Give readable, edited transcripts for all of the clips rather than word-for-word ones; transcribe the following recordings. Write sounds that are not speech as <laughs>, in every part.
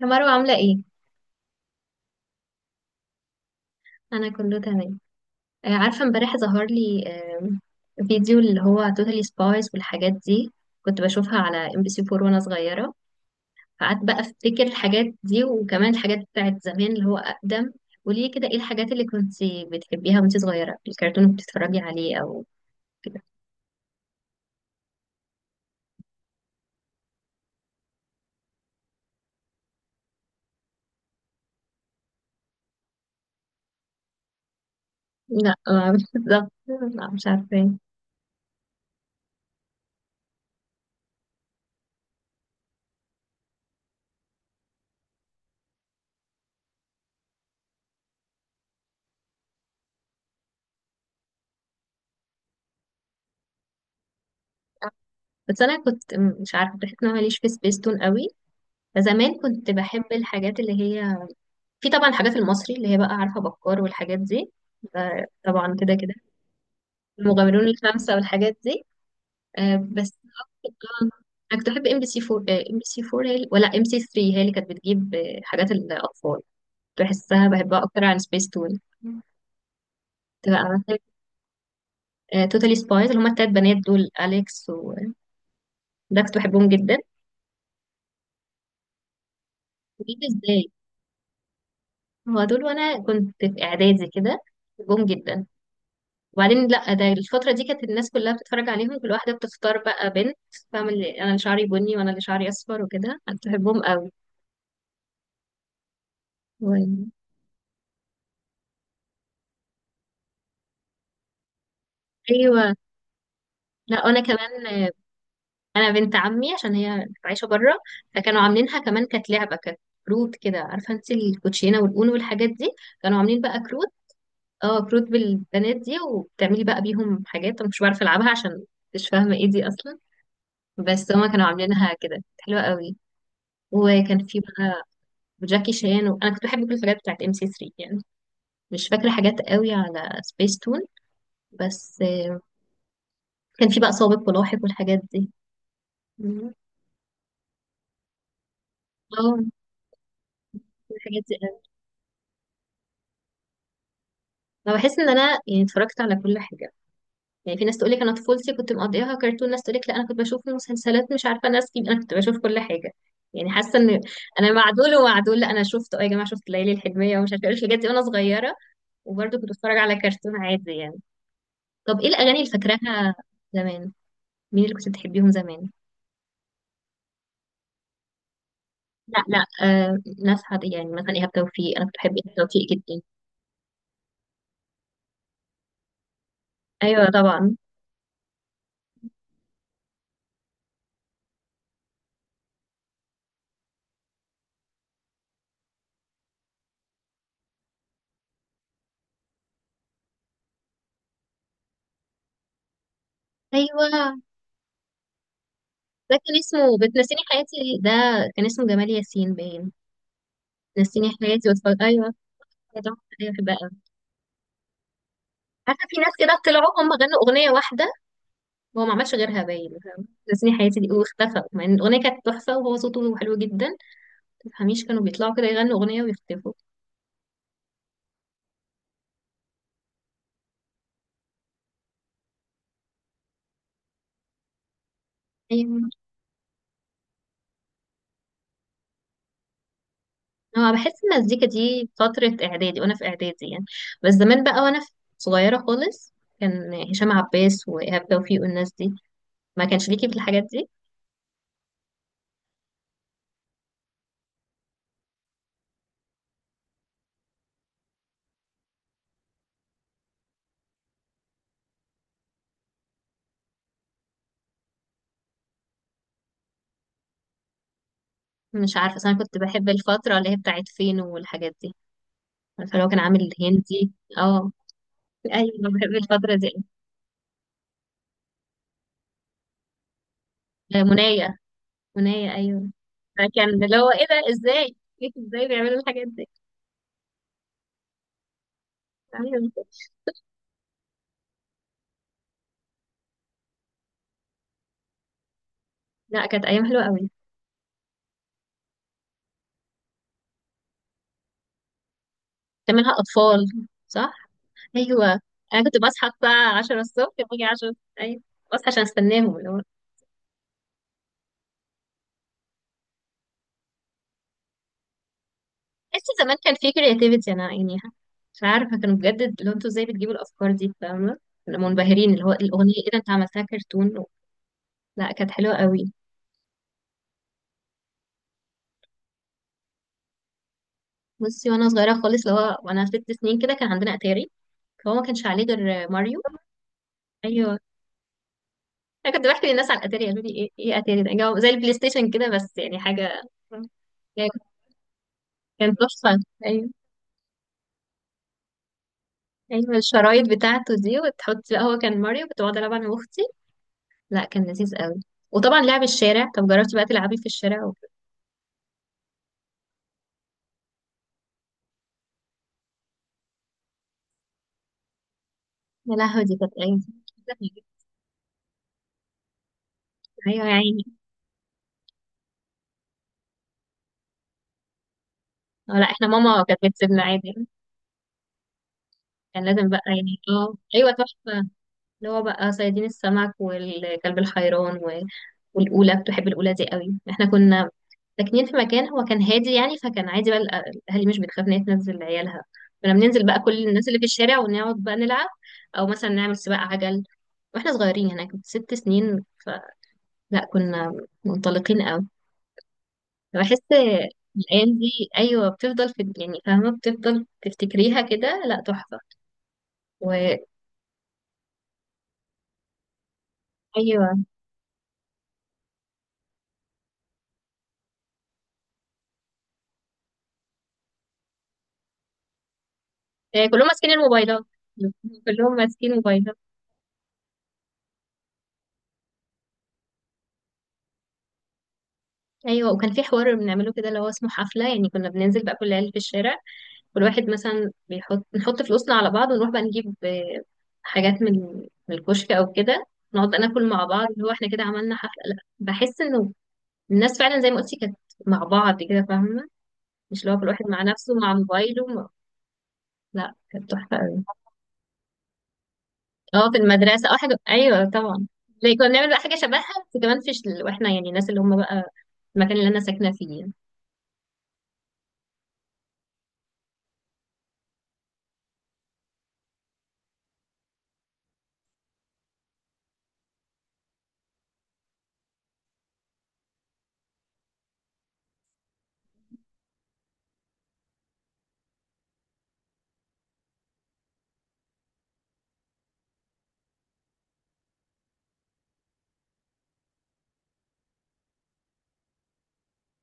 يا مروة عاملة ايه؟ أنا كله تمام. عارفة امبارح ظهر لي فيديو اللي هو توتالي سبايس والحاجات دي. كنت بشوفها على ام بي سي 4 وانا صغيرة، فقعدت بقى افتكر الحاجات دي وكمان الحاجات بتاعت زمان اللي هو أقدم. قولي لي كده ايه الحاجات اللي كنت بتحبيها وانت صغيرة، الكرتون اللي بتتفرجي عليه أو كده. لا <laughs> بالظبط. لا مش عارفة ايه. بس أنا كنت مش عارفة، بحس إن أنا ماليش في سبيستون قوي. فزمان كنت بحب الحاجات اللي هي، في طبعا الحاجات المصري اللي هي بقى، عارفة، بكار والحاجات دي، ده طبعا كده كده. المغامرون الخمسة والحاجات دي. آه، بس أكتر- آه، أنا كنت بحب ام بي سي 4. هي ولا ام سي 3 هي اللي كانت بتجيب حاجات الأطفال؟ بحسها بحبها أكتر عن سبيس تون. تبقى مثلا توتالي سبايز اللي هما التلات بنات دول، أليكس وده، كنت بحبهم جدا. جدا ازاي، هو دول وأنا كنت في إعدادي كده، بحبهم جدا. وبعدين لا، ده الفترة دي كانت الناس كلها بتتفرج عليهم، كل واحدة بتختار بقى بنت، فاهم؟ اللي انا اللي شعري بني وانا اللي شعري اصفر وكده. انا كنت بحبهم قوي. و... ايوه، لا انا كمان انا بنت عمي عشان هي عايشة بره، فكانوا عاملينها كمان، كانت لعبة، كانت كروت كده، عارفة انت الكوتشينة والاونو والحاجات دي، كانوا عاملين بقى كروت. اه، كروت بالبنات دي، وبتعملي بقى بيهم حاجات انا مش بعرف العبها عشان مش فاهمة ايه دي اصلا، بس هما كانوا عاملينها كده، كانت حلوة قوي. وكان في بقى وجاكي شان، وانا كنت بحب كل الحاجات بتاعت ام سي 3 يعني. مش فاكره حاجات قوي على سبيس تون، بس كان في بقى سابق ولاحق والحاجات دي. مم. اه الحاجات دي قوي، فبحس ان انا يعني اتفرجت على كل حاجه. يعني في ناس تقول لك انا طفولتي كنت مقضيها كرتون، ناس تقول لك لا انا كنت بشوف مسلسلات، مش عارفه ناس كيف، انا كنت بشوف كل حاجه يعني. حاسه ان انا مع دول ومع دول، لا انا شفت اه يا جماعه شفت ليالي الحلميه ومش عارفه ايه الحاجات دي وانا صغيره، وبرضه كنت بتفرج على كرتون عادي يعني. طب ايه الاغاني اللي فاكراها زمان؟ مين اللي كنت بتحبيهم زمان؟ لا لا آه، ناس عادية، يعني مثلا إيهاب توفيق، أنا كنت بحب إيهاب توفيق جدا. أيوة طبعا. أيوة ده كان اسمه بتنسيني حياتي، ده كان اسمه جمال ياسين باين. بتنسيني حياتي واتفرج، أيوة. طبعا. أيوة بحبها أوي. عارفة في ناس كده طلعوا هم غنوا أغنية واحدة وهو ما عملش غيرها، باين، فاهمة؟ بتنسيني حياتي دي واختفى، مع إن الأغنية كانت تحفة وهو صوته حلو جدا، ما تفهميش، كانوا بيطلعوا كده يغنوا أغنية ويختفوا. أيوة. هو بحس المزيكا دي فترة إعدادي وأنا في إعدادي يعني، بس زمان بقى وأنا صغيرة خالص، كان هشام عباس وإيهاب توفيق والناس دي، ما كانش ليكي في الحاجات دي. مش عارفة، بس أنا كنت بحب الفترة اللي هي بتاعت فينو والحاجات دي. عارفة اللي هو كان عامل الهندي. اه. أيوة، بحب الفترة دي. منايا، منايا أيوة. كان اللي هو إيه ده، إزاي <laughs> إزاي بيعملوا الحاجات دي؟ أيوة. لا كانت أيام حلوة أوي. كان منها أطفال صح؟ ايوه، انا كنت بصحى بقى 10 الصبح، باجي 10. ايوه، بصحى عشان استناهم اللي هو. تحس زمان كان في كرياتيفيتي، انا يعني مش عارفه، كانوا بجد اللي هو انتوا ازاي بتجيبوا الافكار دي، فاهمه؟ كنا منبهرين اللي هو الاغنيه ايه ده، انت عملتها كرتون؟ لا كانت حلوه قوي. بصي، وانا صغيره خالص اللي هو وانا 6 سنين كده، كان عندنا اتاري، فهو ما كانش عليه غير ماريو. ايوه. انا كنت بحكي للناس على الاتاري قالوا لي ايه ايه اتاري ده، زي البلاي ستيشن كده بس يعني حاجه. يعني كان تحفه. أيوة. ايوه الشرايط بتاعته دي وتحط، لا هو كان ماريو، كنت بقعد العب انا واختي. لا كان لذيذ قوي. وطبعا لعب الشارع، طب جربتي بقى تلعبي في الشارع و... يا لهوي دي كانت ايام. ايوه يا عيني. اه لا، احنا ماما كانت بتسيبنا عادي. كان لازم بقى يعني، اه ايوه تحفه. اللي هو بقى صيادين السمك والكلب الحيران و... والأولى، كنت بحب الأولى دي قوي، احنا كنا ساكنين في مكان هو كان هادي يعني، فكان عادي بقى، الأهالي مش بتخاف إن هي تنزل عيالها. كنا بننزل بقى كل الناس اللي في الشارع ونقعد بقى نلعب، أو مثلا نعمل سباق عجل. واحنا صغيرين هناك كنت 6 سنين، فلا كنا منطلقين قوي. بحس الأيام دي، أيوة، بتفضل في يعني، فاهمة، بتفضل تفتكريها كده. لا تحفة. وأيوه. كلهم ماسكين الموبايلات، كلهم ماسكين موبايل. ايوه، وكان في حوار بنعمله كده اللي هو اسمه حفله، يعني كنا بننزل بقى كل العيال في الشارع، كل واحد مثلا بيحط، نحط فلوسنا على بعض ونروح بقى نجيب حاجات من من الكشك او كده، نقعد بقى ناكل مع بعض اللي هو احنا كده عملنا حفله. لا بحس انه الناس فعلا زي ما قلتي، كانت مع بعض كده، فاهمه؟ مش اللي هو كل واحد مع نفسه مع موبايله لا كانت تحفه قوي. اه في المدرسه، اه حاجه، ايوه طبعا. زي كنا بنعمل بقى حاجه شبهها، بس كمان في واحنا يعني الناس اللي هم بقى، المكان اللي انا ساكنه فيه يعني.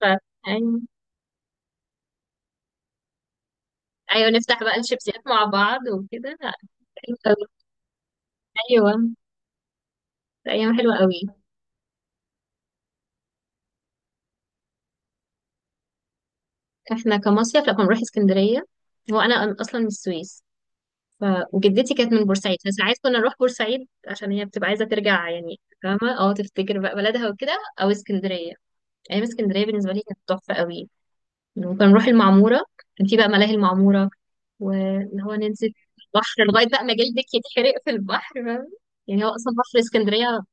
ف... أيوة. ايوه نفتح بقى الشيبسيات مع بعض وكده. لا، حلو قوي. ايوه، ايام حلوه قوي. احنا كمصيف لما بنروح اسكندريه، هو انا اصلا من السويس. ف... وجدتي كانت من بورسعيد، فساعات كنا نروح بورسعيد عشان هي بتبقى عايزه ترجع يعني، فاهمه؟ اه، تفتكر بقى بلدها وكده، او اسكندريه. ايام اسكندريه بالنسبه لي كانت تحفه قوي. وكنا نروح المعموره، كان في بقى ملاهي المعموره، واللي هو ننزل البحر لغايه بقى ما جلدك يتحرق في البحر، فاهمة؟ يعني هو اصلا بحر اسكندريه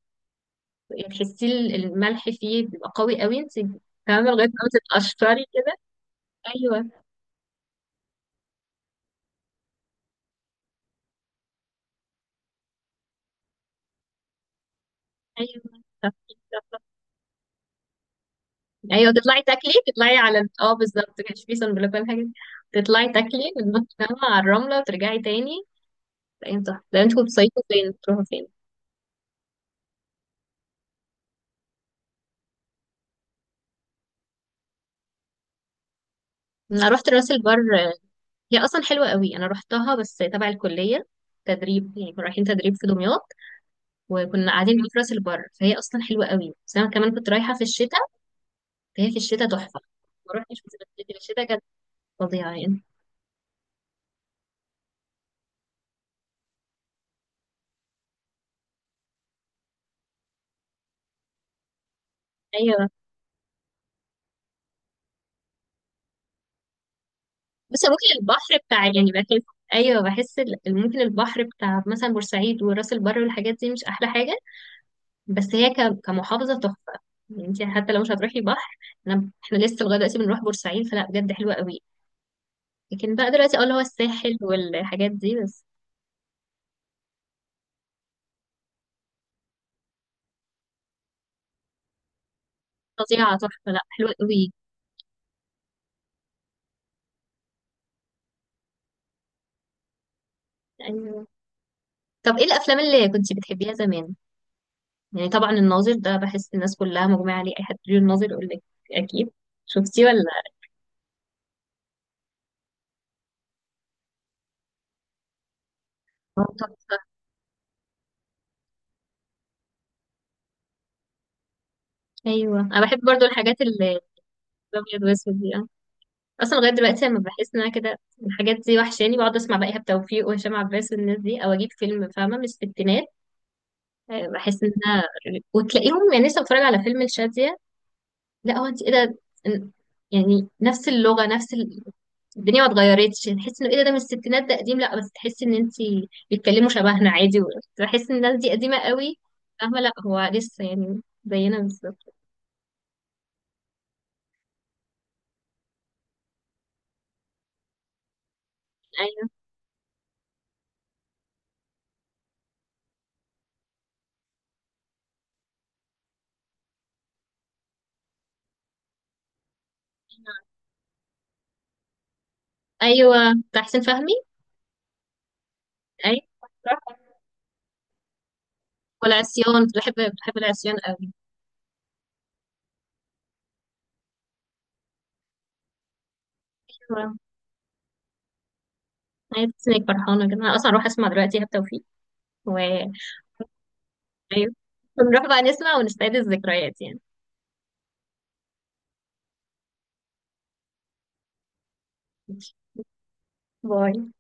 تحسي الملح فيه بيبقى قوي قوي، انت تمام لغايه ما تتقشري كده. ايوه. ايوه صح، صح. ايوه تطلعي تاكلي تطلعي على اه بالظبط، كانش فيه صن بلوك ولا حاجه، تطلعي تاكلي وتنطي فاهمة على الرمله وترجعي تاني. تلاقي انت، ده انتوا بتصيفوا فين، بتروحوا فين؟ انا رحت راس البر. هي اصلا حلوه قوي، انا رحتها بس تبع الكليه، تدريب يعني، كنا رايحين تدريب في دمياط وكنا قاعدين في راس البر، فهي اصلا حلوه قوي، بس انا كمان كنت رايحه في الشتاء، فهي في الشتاء تحفه. ما رحتش في الشتاء. فظيعة يعني. أيوة. بس ممكن البحر بتاع يعني، بحس، أيوة بحس ممكن البحر بتاع مثلا بورسعيد وراس البر والحاجات دي مش أحلى حاجة، بس هي كمحافظة تحفة. يعني انت حتى لو مش هتروحي بحر، أنا احنا لسه لغاية دلوقتي بنروح بورسعيد، فلا بجد حلوة قوي. لكن بقى دلوقتي اه اللي هو الساحل والحاجات دي بس. فظيعة تحفة، لا حلوة قوي. أيوة. طب ايه الأفلام اللي كنت بتحبيها زمان؟ يعني طبعا الناظر ده بحس الناس كلها مجمعة عليه، أي حد بيقول الناظر يقول لك، أكيد. شفتيه ولا؟ تحفة. ايوه انا بحب برضو الحاجات اللي الابيض واسود دي. أنا اصلا لغايه دلوقتي لما بحس ان انا كده، الحاجات دي وحشاني بقعد اسمع بقى ايهاب توفيق وهشام عباس والناس دي، او اجيب فيلم فاهمه من الستينات. بحس ان انا وتلاقيهم يعني، لسه بتفرج على فيلم الشاذيه، لا هو انت ايه ده؟ إن- يعني نفس اللغه نفس ال... الدنيا ما اتغيرتش، تحس انه ايه ده، ده من الستينات ده قديم، لا بس تحس ان انت بيتكلموا شبهنا عادي. بحس ان الناس دي قديمه قوي، فاهمه؟ لا هو لسه يعني زينا بالظبط. ايوه. ايوه بتاع حسين فهمي. أيوة صح. والعصيان كنت بحب، بحب العصيان قوي. أيوة. أيوة، تحسي إنك فرحانة كده، أنا أصلا هروح أسمع دلوقتي إيهاب توفيق و أيوة، نروح بقى نسمع ونستعيد الذكريات يعني. باي.